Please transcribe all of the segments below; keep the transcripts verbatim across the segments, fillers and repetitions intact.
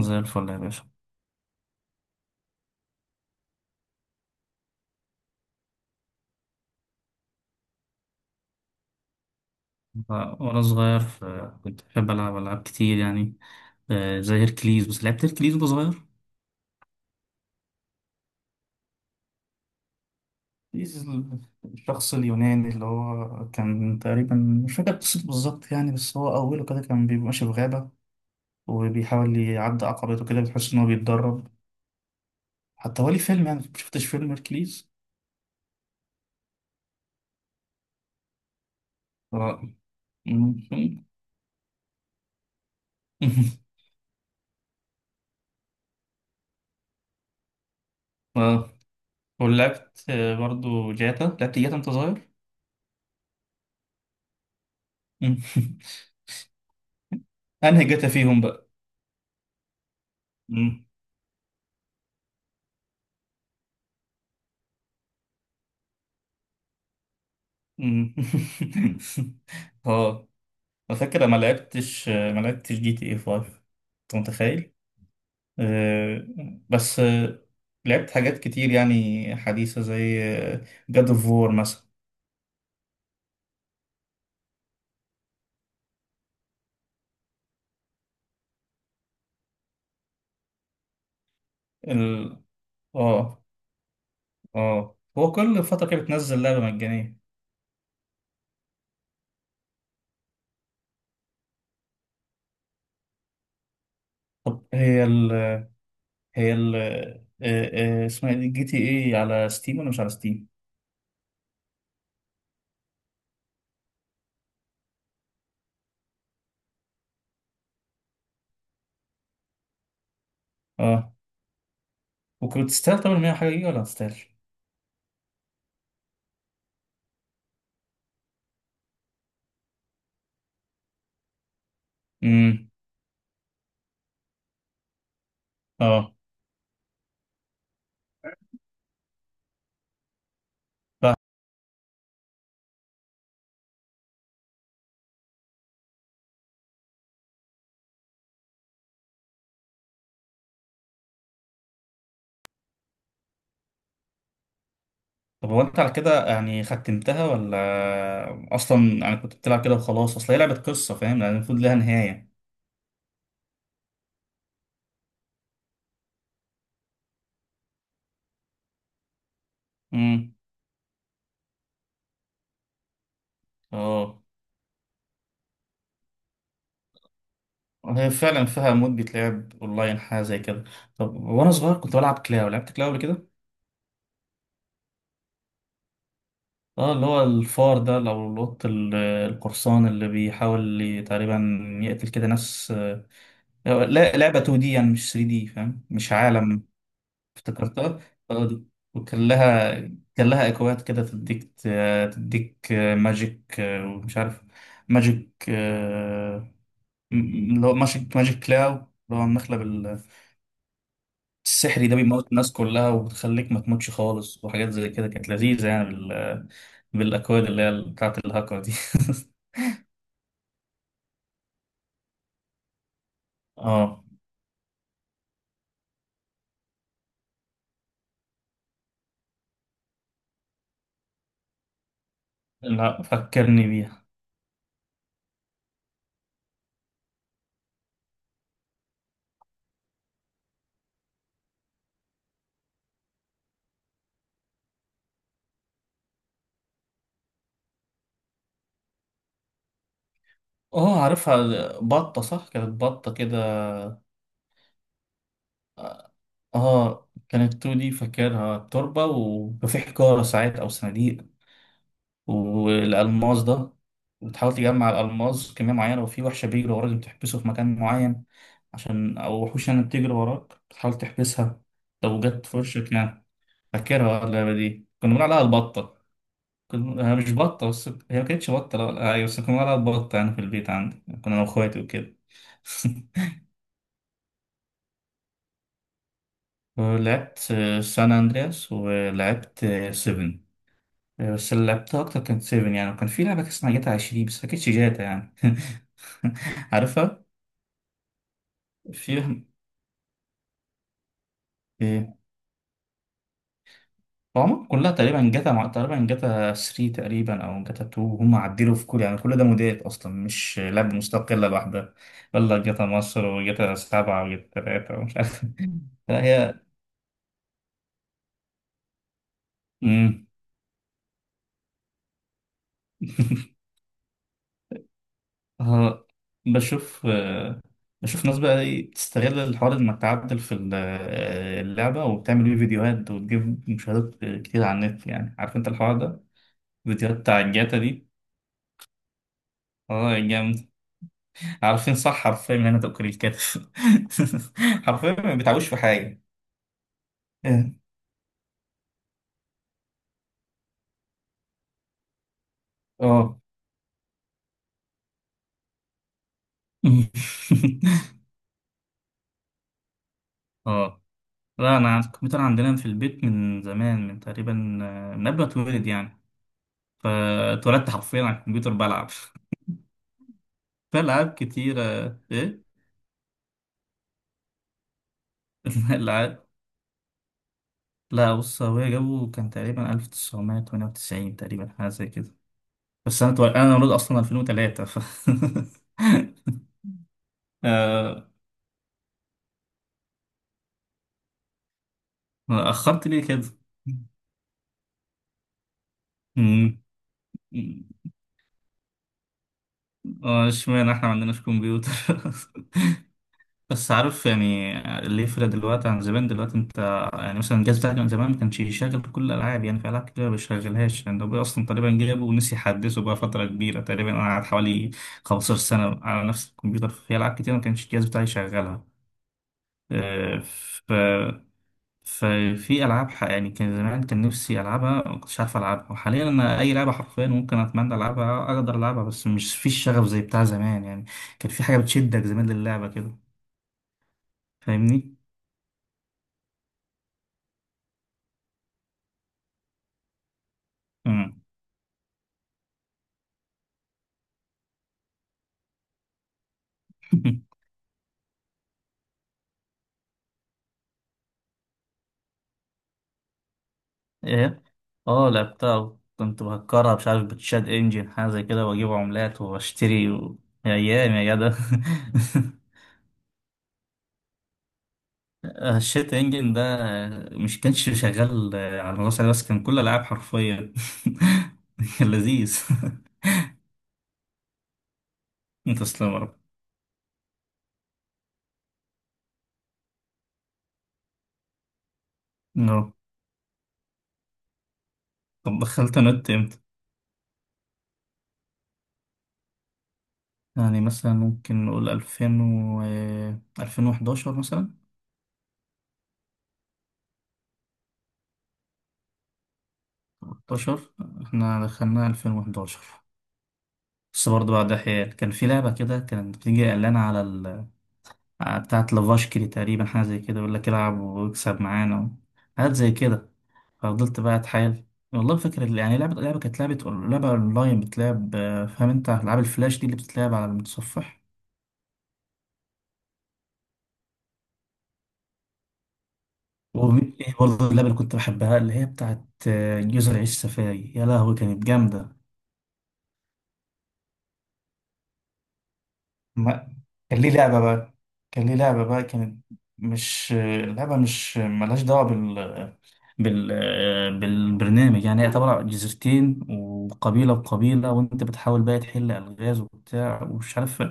زي الفل يا باشا. ف- وأنا صغير ف- كنت بحب ألعب ألعاب كتير يعني، آه، زي هيركليز. بس لعبت هيركليز وأنا صغير. هيركليز ال- الشخص اليوناني اللي هو كان تقريبا، مش فاكر قصته بالظبط يعني، بس هو أوله كده كان بيبقى ماشي في غابة وبيحاول يعدي عقبات وكده، بتحس إن هو بيتدرب. حتى هو ليه فيلم يعني، مشفتش فيلم هيركليز. ف- م- ف- ولعبت آه، برضو جاتا. لعبت جاتا أنت صغير. أنهي جاتا فيهم بقى؟ مم. اه، أنا فاكر ما لعبتش ما لعبتش جي تي اي خمسة، انت متخيل؟ آه، بس آه، لعبت حاجات كتير يعني حديثة، زي جاد اوف وور مثلا. ال... اه، اه، هو كل فترة كده بتنزل لعبة مجانية. طب هي ال هي ال آه، آه، اسمها ايه، جي تي اي، على ستيم ولا مش على ستيم؟ اه. وكنت تستاهل طبعا مية حاجة دي ولا ما تستاهلش؟ امم، اه. طب هو انت على كده يعني ختمتها، ولا اصلا يعني كنت بتلعب كده وخلاص؟ اصل هي لعبة قصة، فاهم، يعني المفروض لها نهاية. امم، اه، هي فعلا فيها مود بيتلعب اونلاين حاجة زي كده. طب وانا صغير كنت بلعب كلاو، لعبت كلاو قبل كده؟ اه، اللي هو الفار ده، لو القط ال- القرصان اللي بيحاول ي- تقريبا يقتل كده ناس. آه، لا لعبة تو دي يعني، مش ثري دي، فاهم، مش عالم. افتكرتها، اه دي. وكان لها، كان لها اكواد كده تديك، تديك ماجيك ومش عارف، ماجيك آه، م- اللي هو ماجيك، ماجيك كلاو، اللي هو المخلب ال- السحري ده بيموت الناس كلها وبتخليك ما تموتش خالص، وحاجات زي كده كانت لذيذة يعني بال... بالاكواد اللي هي بتاعت الهاكر دي. اه. لا فكرني بيها. اه عارفها، بطة صح، كانت بطة كده. اه كانت تنين دي فاكرها، تربة وكان في حجارة ساعات أو صناديق والألماس ده، بتحاول تجمع الألماس كمية معينة، وفي وحشة بيجري وراك بتحبسه في مكان معين، عشان أو وحوش يعني بتجري وراك بتحاول تحبسها لو جت في وشك يعني. فاكرها اللعبة دي، كنا بنقول عليها البطة. كنا، هي مش بطة، بس هي ما كانتش بطة، لا أيوة، بس كنا بنقول عليها البطة يعني، في البيت عندي كنا أنا وأخواتي وكده. لعبت سان أندرياس، ولعبت سبعة. إيه، بس اللي لعبتها أكتر كانت سبعة يعني. وكان في لعبة كان اسمها جاتا عشرين، بس ما كانتش جاتا يعني. عارفها؟ في، إيه، هم كلها تقريبا جاتا مع... تقريبا جاتا ثلاثة تقريبا، أو جاتا تنين، هم عدلوا في كل يعني، كل ده موديلات أصلا، مش لعبة مستقلة لوحدها. ولا جاتا مصر وجاتا سبعة وجاتا تلاتة ومش عارف. لا هي، مم. ها، بشوف آه، بشوف ناس بقى ايه بتستغل الحوار انك تعدل في ال- آه، اللعبة، وبتعمل بيه فيديوهات وتجيب مشاهدات كتير على النت يعني، عارف انت الحوار ده، فيديوهات بتاع الجاتا دي. اه جامد. عارفين صح، حرفيا من هنا تأكل الكتف. حرفيا ما بيتعبوش في حاجة. اه. اه لا انا عن- الكمبيوتر عندنا في البيت من زمان، من تقريبا، آه، من قبل ما اتولد يعني. فاتولدت حرفيا على الكمبيوتر بلعب في ألعاب كتيرة. إيه؟ الألعاب، لا بص، هو جابه كان تقريبا ألف وتسعمائة وثمانية وتسعين، تقريبا حاجة زي كده. بس أنا طو... أنا مولود أصلا ألفين وتلاتة ف، آه، أخرت ليه كده؟ مم. آه، اشمعنى إحنا ما عندناش كمبيوتر. بس عارف يعني اللي يفرق دلوقتي عن زمان، دلوقتي انت يعني مثلا الجهاز بتاعك من زمان ما كانش يشغل كل الالعاب، يعني في العاب كتير ما بيشغلهاش، لان هو اصلا تقريبا جابه ونسي يحدثه بقى فتره كبيره، تقريبا انا قعدت حوالي خمسة عشر سنه على نفس الكمبيوتر، في العاب كتير ما كانش الجهاز بتاعي يشغلها. اه. ف ففي العاب ح- يعني، كان زمان كان نفسي العبها ما كنتش عارف العبها، وحاليا انا اي لعبه حرفيا ممكن اتمنى العبها اقدر العبها، بس مش في الشغف زي بتاع زمان يعني، كان في حاجه بتشدك زمان للعبه كده، فاهمني؟ ايه، اه لعبتها، كنت بهكرها مش عارف بتشات انجن حاجه زي كده، واجيب عملات واشتري و... يا ايام يا جدع. الشات انجن ده مش كانش شغال على المدرسه بس، كان كل العاب حرفيا. كان لذيذ. انت تسلم يا رب. نعم. طب دخلت نت امتى؟ يعني مثلا ممكن نقول ألفين و ألفين وحداشر مثلا، ثلاثة عشر، احنا دخلنا ألفين وأحد عشر. بس برضه بعد حيال كان في لعبة كده كانت بتيجي إعلانة على ال... بتاعة لافاشكري تقريبا حاجة زي كده، يقول لك العب واكسب معانا حاجات زي كده. ففضلت بقى أتحايل، والله فاكر ال- يعني لعبة لعبة كانت لعبة أون- لعبة أونلاين بتلعب، آه، فاهم أنت ألعاب الفلاش دي اللي بتتلعب على المتصفح؟ وإيه برضه اللعبة اللي كنت بحبها، اللي هي بتاعة آه، جزر عيش سفاري، يا لهوي كانت جامدة. ما- كان ليه لعبة بقى، كان ليه لعبة بقى كانت، مش لعبة، مش ملهاش دعوة بال... آه، بالبرنامج يعني، هي عبارة عن جزيرتين وقبيلة وقبيلة، وانت بتحاول بقى تحل ألغاز وبتاع ومش عارف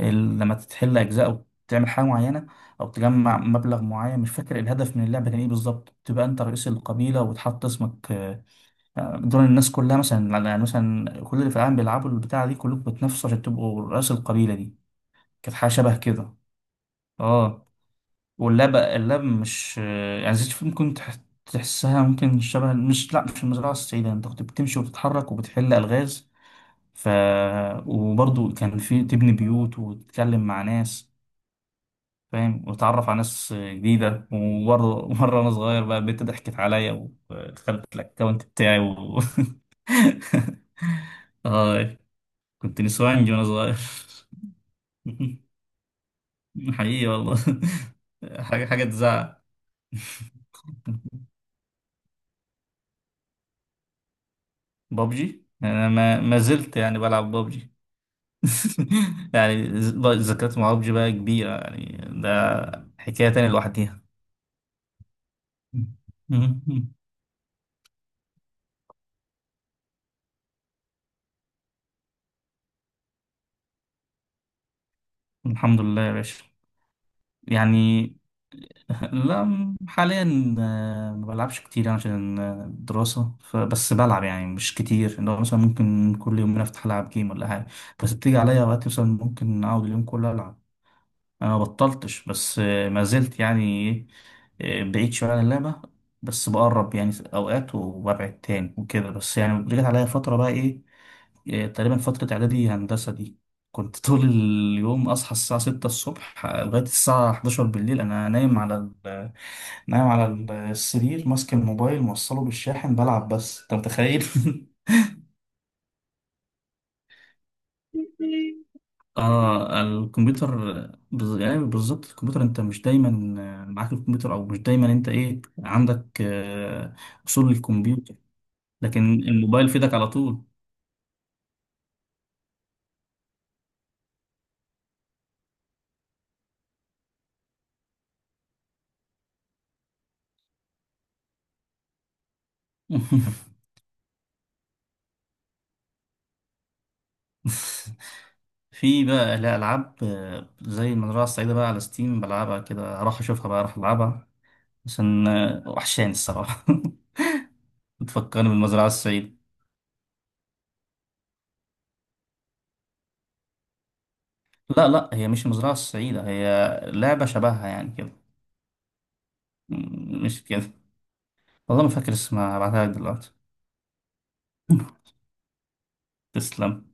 ال... لما تحل أجزاء أو تعمل حاجة معينة أو تجمع مبلغ معين، مش فاكر الهدف من اللعبة كان إيه بالظبط، تبقى أنت رئيس القبيلة وتحط اسمك، آه، دول الناس كلها مثلا، يعني مثلا كل اللي في العالم بيلعبوا البتاعة دي كلكم بتنافسوا عشان تبقوا رئيس القبيلة دي. كانت حاجة شبه كده. اه. واللاب اللاب مش يعني زيت الفيل ممكن تح- تحسها، ممكن شبه، مش لا مش المزرعة السعيدة، انت كنت بتمشي وبتتحرك وبتحل ألغاز. ف، وبرضه كان في تبني بيوت وتتكلم مع ناس، فاهم، وتتعرف على ناس جديدة. وبرضه مرة أنا صغير بقى البنت ضحكت عليا ودخلت الأكونت بتاعي و... آه، كنت نسوانجي وأنا صغير. حقيقي والله. حاجة، حاجة تزعل. بابجي يعني، انا ما ما زلت يعني بلعب بابجي. يعني ز- ذكريات مع بابجي بقى كبيرة يعني، ده حكاية تانية لوحديها. الحمد لله يا باشا. يعني لا م- حاليا، آه، ما بلعبش كتير يعني عشان آه، الدراسة، ف- بس بلعب يعني مش كتير، اللي هو مثلا ممكن كل يومين افتح العب جيم ولا حاجة. بس بتيجي عليا وقت مثلا ممكن اقعد اليوم كله العب. انا ما بطلتش، بس آه، ما زلت يعني، إيه، آه، بعيد شويه عن اللعبه، بس بقرب يعني في اوقات وببعد تاني وكده. بس يعني رجعت عليا فتره بقى ايه، آه، تقريبا فتره اعدادي هندسه دي، كنت طول اليوم اصحى الساعه ستة الصبح آه، لغايه الساعه حداشر بالليل انا نايم على ال- نايم على السرير ماسك الموبايل موصله بالشاحن بلعب، بس انت متخيل؟ اه الكمبيوتر بز- يعني بالظبط، الكمبيوتر انت مش دايما آه، معاك الكمبيوتر، او مش دايما انت ايه عندك آه، وصول للكمبيوتر، لكن الموبايل في ايدك على طول. في بقى لا العاب آه، زي المزرعه السعيده بقى على ستيم، بلعبها كده، راح اشوفها بقى، راح العبها عشان آه، وحشاني الصراحه. بتفكرني بالمزرعه السعيده. لا لا، هي مش المزرعه السعيده، هي لعبه شبهها يعني كده. م- مش كده، والله ما فاكر اسمها، هبعتها لك دلوقتي. تسلم.